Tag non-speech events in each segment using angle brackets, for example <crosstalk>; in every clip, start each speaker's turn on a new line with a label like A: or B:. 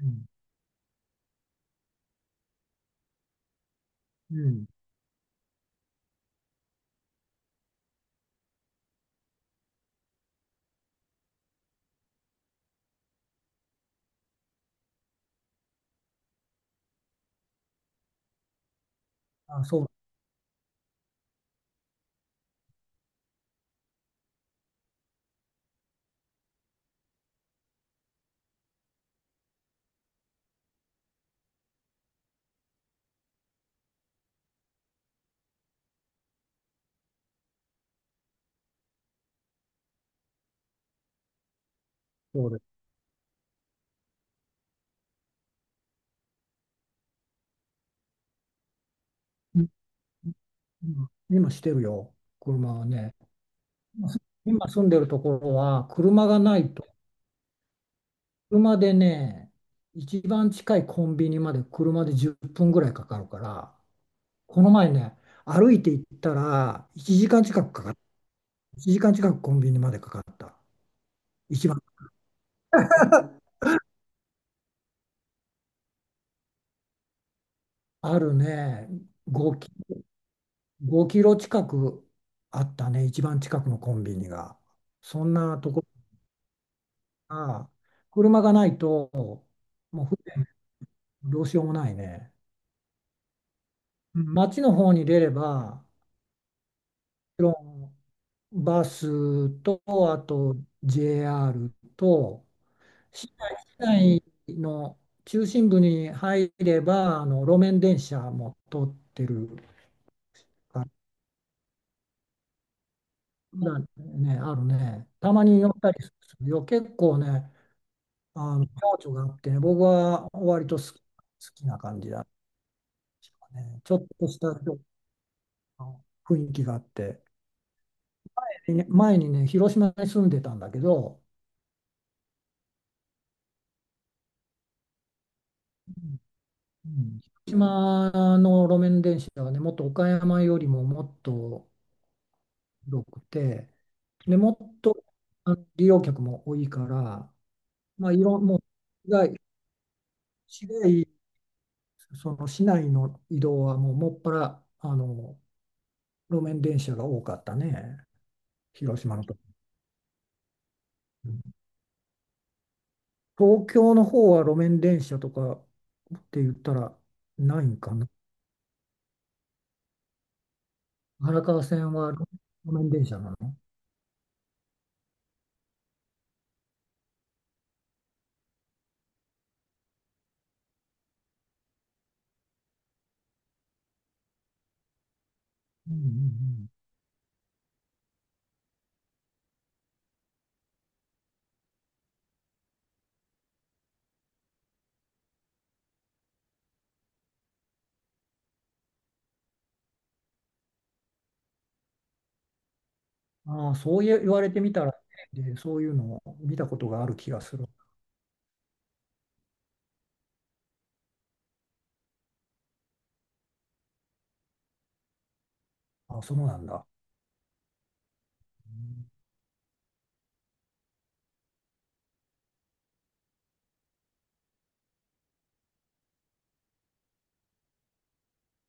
A: うん。うん。あ、そう、そうです。うん、うん、今してるよ、車はね。今住んでるところは、車がないと、車でね、一番近いコンビニまで車で10分ぐらいかかるから、この前ね、歩いて行ったら1時間近くかかった。1時間近くコンビニまでかかった。一番あるね、5キ、5キロ近くあったね、一番近くのコンビニが。そんなところが、車がないと、もう船、どうしようもないね。町の方に出れば、もちろんバスと、あと JR と、市内の中心部に入れば、路面電車も通ってるから、まだね、あるね。たまに乗ったりするよ。結構ね、あの情緒があってね、僕は割と好きな感じだね。ちょっとした雰囲気があって。ね、前にね、広島に住んでたんだけど、うん。広島の路面電車はね、もっと岡山よりももっと広くて、で、もっと利用客も多いから、まあ、いろん、もう、市街、市街その市内の移動はもうもっぱら、路面電車が多かったね、広島のと。うん。東京の方は路面電車とかって言ったらないんかな。荒川線は路面電車なの？うん、うん、うん。ああ、そう、言われてみたらね、で、そういうのを見たことがある気がする。ああ、そうなんだ。うん、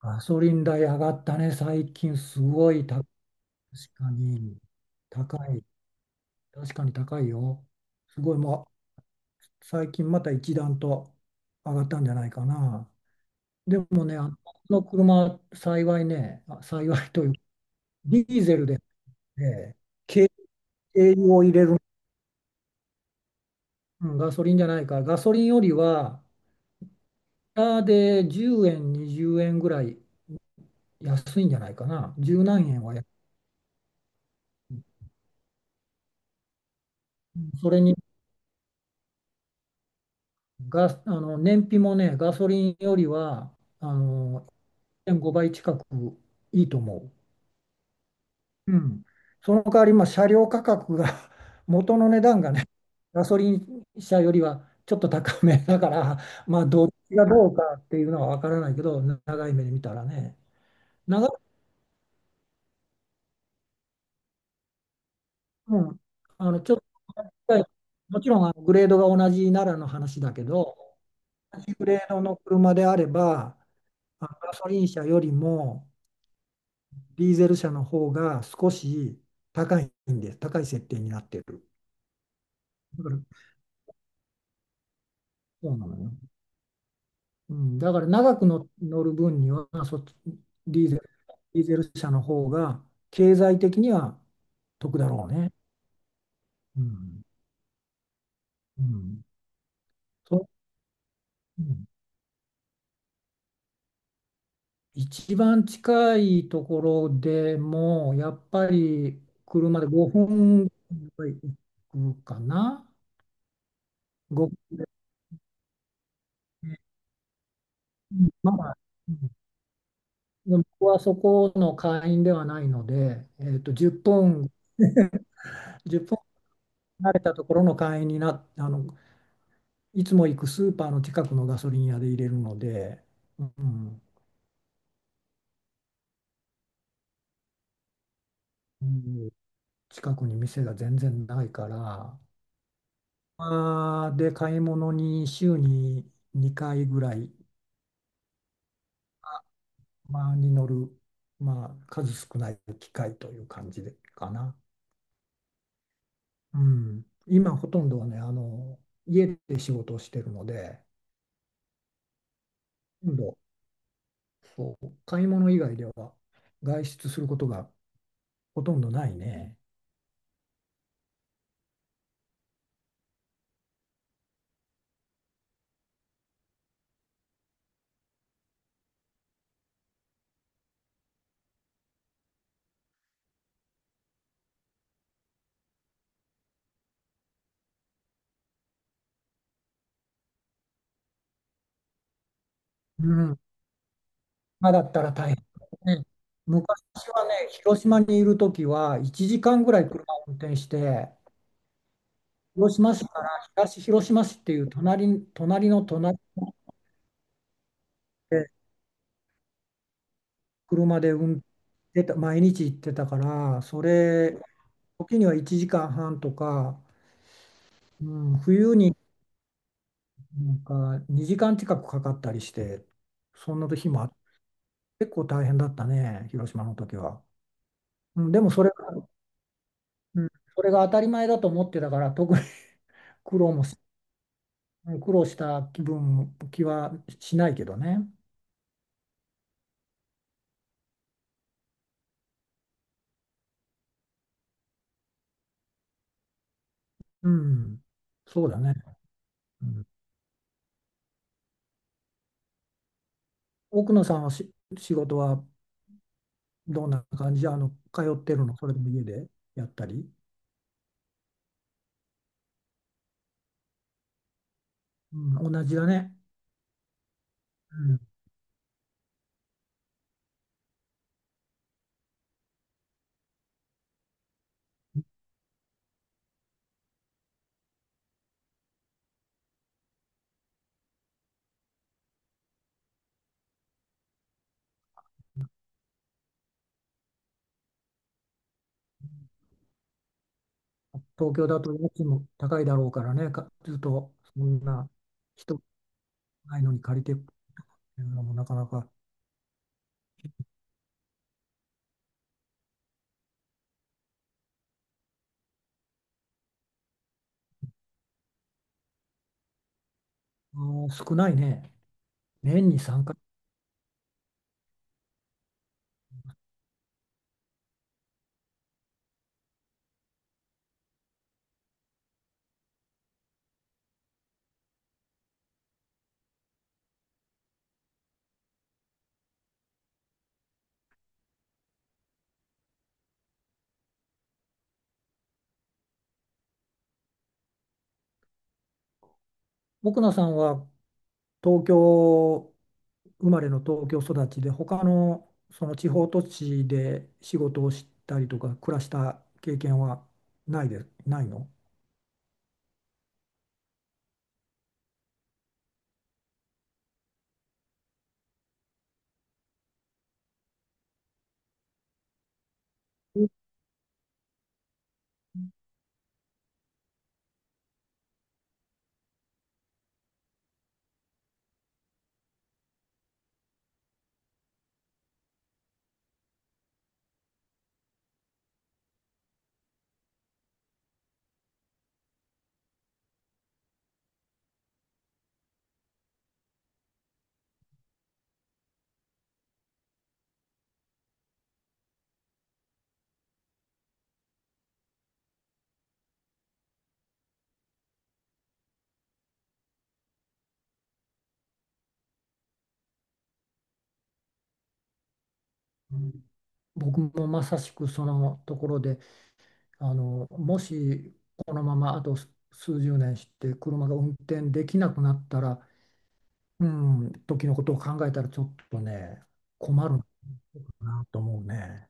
A: ガソリン代上がったね、最近すごい高い。確かに高い。確かに高いよ。すごい、もう最近また一段と上がったんじゃないかな。でもね、この車、幸いね、幸いというか、ディーゼルで、ね、軽軽油を入れる。うん、ガソリンじゃないか。ガソリンよりは、で10円、20円ぐらい安いんじゃないかな。十何円は安い。それに燃費もね、ガソリンよりはあの1.5倍近くいいと思う。うん。その代わり、まあ、車両価格が <laughs> 元の値段がね、ガソリン車よりはちょっと高めだから、まあ、どっちがどうかっていうのは分からないけど、長い目で見たらね。長い、うん、ちょっと、はい、もちろんグレードが同じならの話だけど、同じグレードの車であれば、ガソリン車よりもディーゼル車の方が少し高いんです。高い設定になってる。だから、そうなのよ。うん、だから長くの乗る分にはそっち、ディーゼル、ディーゼル車の方が経済的には得だろうね。うん。うん。そう。うん、一番近いところでも、やっぱり車で5分ぐらい行くかな。5、まあ、うん、でも僕はそこの会員ではないので、10分、1分離れたところの会員にな、いつも行くスーパーの近くのガソリン屋で入れるので、うん、うん、近くに店が全然ないから、まあーで買い物に週に2回ぐらい、まあ、に乗る、まあ、数少ない機会という感じでかな。うん、今、ほとんどはね、家で仕事をしてるので、ほとんど、そう、買い物以外では外出することがほとんどないね。うん、今だったら大変ね。昔はね、広島にいるときは1時間ぐらい車を運転して、広島市から東広島市っていう隣の隣で車で運転してた、毎日行ってたから、それ、時には1時間半とか、うん、冬になんか2時間近くかかったりして、そんな日もあって、結構大変だったね、広島の時は。うん、でもそれが、うん、それが当たり前だと思ってたから、特に <laughs> 苦労もし、うん、苦労した気はしないけどね。うん、そうだね。うん、奥野さんは、仕事はどんな感じで、通ってるの、それでも家でやったり。うん、同じだね。うん、東京だと家賃も高いだろうからね、ずっとそんな人ないのに借りてっていうのもなかなか、うん、少ないね。年に3回。奥野さんは東京生まれの東京育ちで、他のその地方都市で仕事をしたりとか暮らした経験はないの？うん、僕もまさしくそのところで、もしこのままあと数十年して車が運転できなくなったら、うん、時のことを考えたらちょっとね、困るなと思うね。